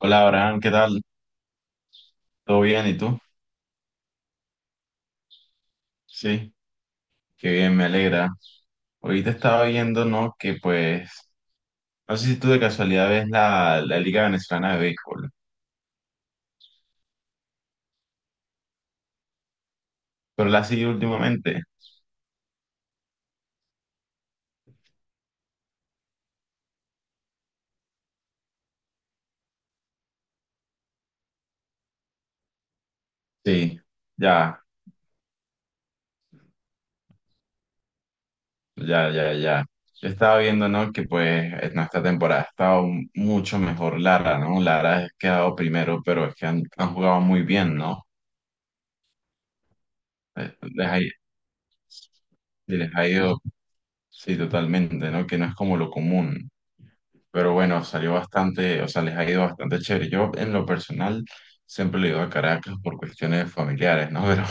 Hola Abraham, ¿qué tal? ¿Todo bien? ¿Y tú? Sí, qué bien, me alegra. Ahorita estaba viendo, ¿no? Que pues, no sé si tú de casualidad ves la Liga Venezolana de Béisbol, pero la has seguido últimamente. Sí, ya, ya, ya, ya. Yo estaba viendo, ¿no? Que pues en esta temporada ha estado mucho mejor Lara, ¿no? Lara ha quedado primero, pero es que han jugado muy bien, ¿no? Les ha, les ha ido, sí, totalmente, ¿no? Que no es como lo común. Pero bueno, salió bastante, o sea, les ha ido bastante chévere. Yo en lo personal siempre le he ido a Caracas por cuestiones familiares, ¿no? Pero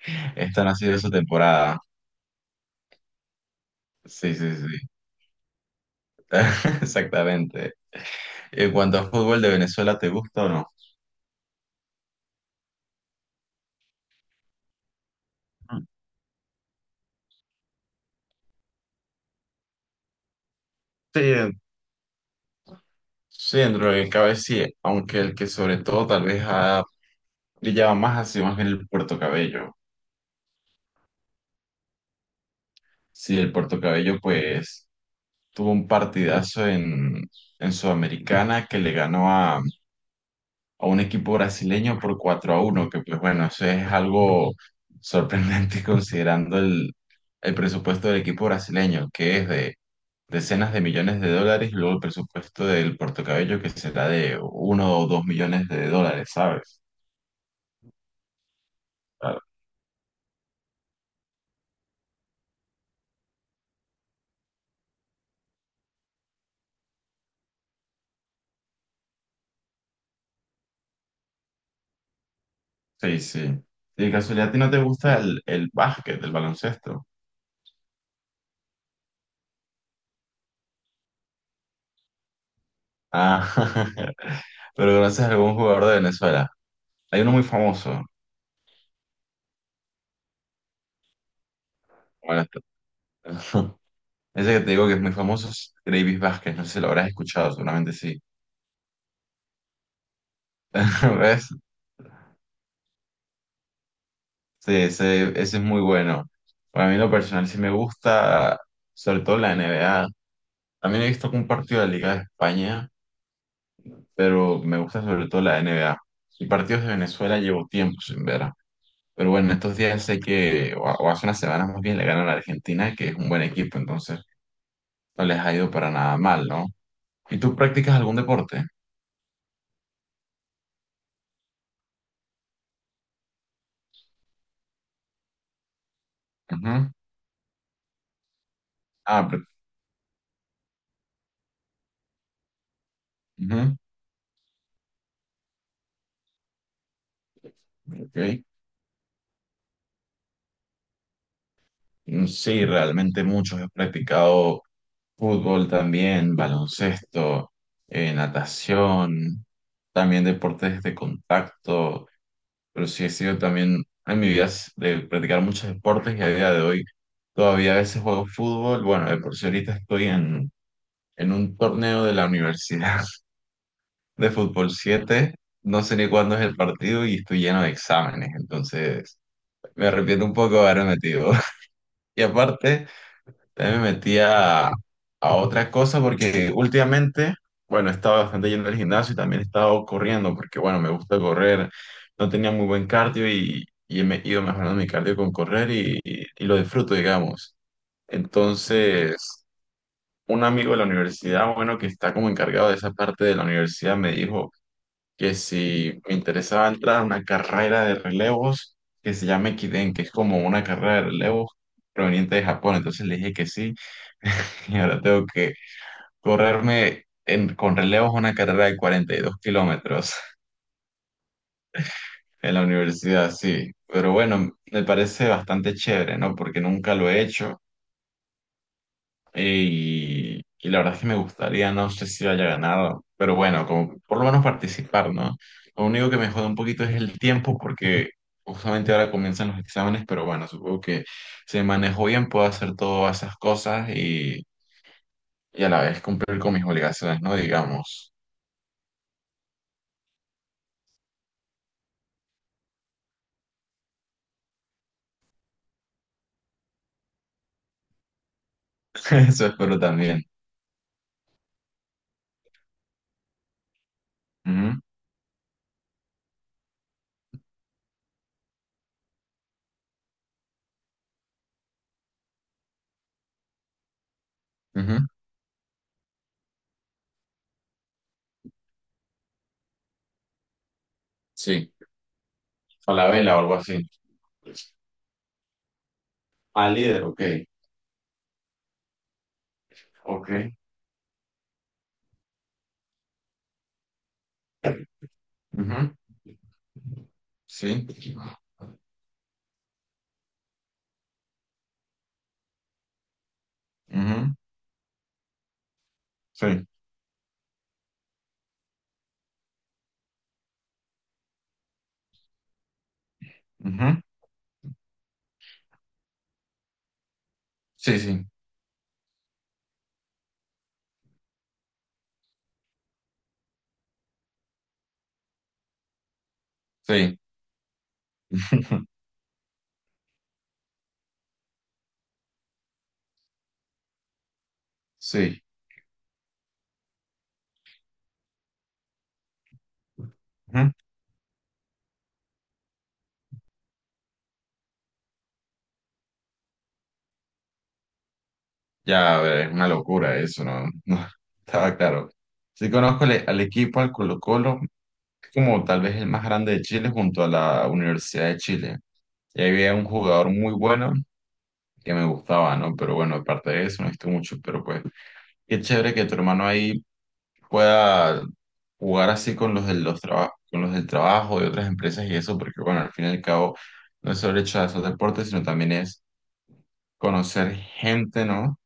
esta no ha sido su temporada. Sí, sí, sí. Exactamente. En cuanto a fútbol de Venezuela, ¿te gusta o no? Sí, sí, dentro de lo que cabe sí, aunque el que sobre todo tal vez ha brillado más ha sido más bien el Puerto Cabello. Sí, el Puerto Cabello pues tuvo un partidazo en Sudamericana que le ganó a un equipo brasileño por 4-1, que pues bueno, eso es algo sorprendente considerando el presupuesto del equipo brasileño, que es de decenas de millones de dólares, y luego el presupuesto del Puerto Cabello, que será de uno o 2 millones de dólares, ¿sabes? Claro. Sí, sí. Y de casualidad, ¿a ti no te gusta el básquet, el baloncesto? Ah, pero conoces a algún jugador de Venezuela. Hay uno muy famoso. Bueno, ese que te digo que es muy famoso es Gravis Vázquez, no sé si lo habrás escuchado, seguramente sí. ¿Ves? Sí, ese es muy bueno. Para mí, en lo personal, sí me gusta, sobre todo la NBA. También he visto un partido de la Liga de España, pero me gusta sobre todo la NBA. Y partidos de Venezuela llevo tiempo sin ver. Pero bueno, estos días sé que, o hace unas semanas más bien, le ganan a Argentina, que es un buen equipo, entonces no les ha ido para nada mal, ¿no? ¿Y tú practicas algún deporte? Ujú. Ah, pero ujú. Ok. Sí, realmente muchos. He practicado fútbol también, baloncesto, natación, también deportes de contacto, pero sí he sido también en mi vida de practicar muchos deportes y a día de hoy todavía a veces juego fútbol. Bueno, de por sí ahorita estoy en un torneo de la universidad de fútbol 7. No sé ni cuándo es el partido y estoy lleno de exámenes, entonces me arrepiento un poco de haberme metido. Y aparte... También me metí a otra cosa porque últimamente, bueno, he estado bastante yendo al gimnasio y también he estado corriendo porque, bueno, me gusta correr. No tenía muy buen cardio y me he ido mejorando mi cardio con correr y lo disfruto, digamos. Entonces, un amigo de la universidad, bueno, que está como encargado de esa parte de la universidad, me dijo que si me interesaba entrar a una carrera de relevos que se llama Kiden, que es como una carrera de relevos proveniente de Japón. Entonces le dije que sí. Y ahora tengo que correrme con relevos una carrera de 42 kilómetros en la universidad, sí. Pero bueno, me parece bastante chévere, ¿no? Porque nunca lo he hecho y la verdad es que me gustaría, no sé si haya ganado, pero bueno, como, por lo menos participar, ¿no? Lo único que me jode un poquito es el tiempo porque justamente ahora comienzan los exámenes, pero bueno, supongo que si me manejo bien puedo hacer todas esas cosas y a la vez cumplir con mis obligaciones, ¿no? Digamos, eso espero también. Ujú, sí, a la vela o algo así. Al líder, ok, ok, ujú, sí, ujú, sí, ujú, sí, sí, sí, sí, ujú. Ya, a ver, es una locura eso, ¿no? No, estaba claro. Sí conozco al, e, al equipo, al Colo-Colo, que es como tal vez el más grande de Chile junto a la Universidad de Chile. Y ahí había un jugador muy bueno que me gustaba, ¿no? Pero bueno, aparte de eso, no he visto mucho, pero pues, qué chévere que tu hermano ahí pueda jugar así con los del, con los del trabajo de otras empresas y eso, porque bueno, al fin y al cabo no es solo hecho de hacer deportes, sino también es conocer gente, ¿no?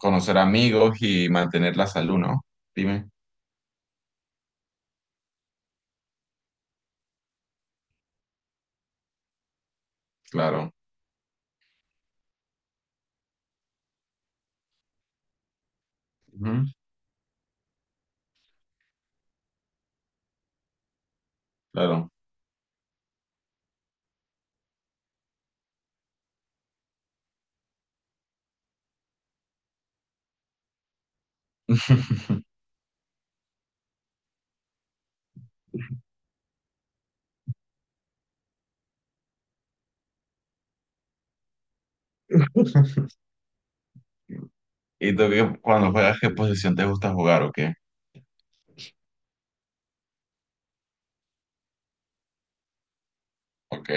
Conocer amigos y mantener la salud, ¿no? Dime, claro, ujú, claro. ¿Y tú qué, cuando juegas, qué posición te gusta jugar o qué? ¿Ok?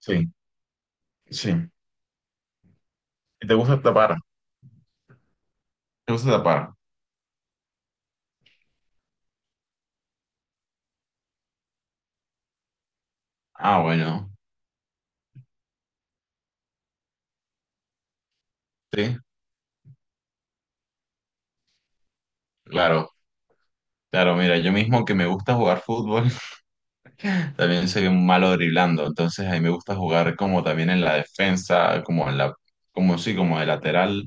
Sí, sí. ¿Y te gusta tapar? ¿Te gusta tapar? Ah, bueno, sí, claro. Claro, mira, yo mismo que me gusta jugar fútbol. También soy un malo driblando, entonces a mí me gusta jugar como también en la defensa, como en la, como sí, como de lateral,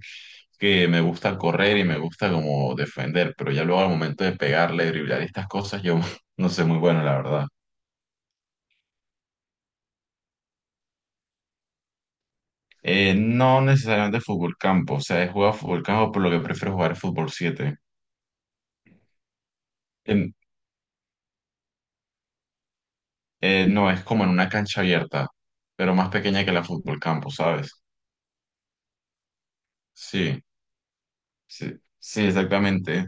que me gusta correr y me gusta como defender, pero ya luego al momento de pegarle, driblar y estas cosas, yo no soy muy bueno, la verdad. No necesariamente fútbol campo, o sea, he jugado fútbol campo, por lo que prefiero jugar fútbol 7. En- no, es como en una cancha abierta, pero más pequeña que la fútbol campo, ¿sabes? Sí, sí, sí, exactamente.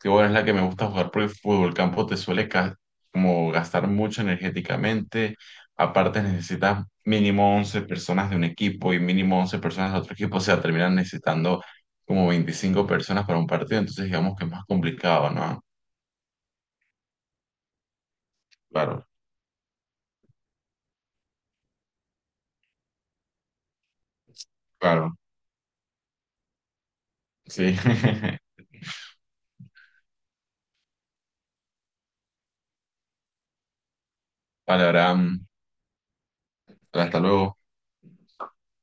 Que bueno, es la que me gusta jugar porque el fútbol campo te suele como gastar mucho energéticamente. Aparte necesitas mínimo 11 personas de un equipo y mínimo 11 personas de otro equipo. O sea, terminan necesitando como 25 personas para un partido. Entonces digamos que es más complicado, ¿no? Claro, claro. Sí. Vale, Abraham. Hasta luego.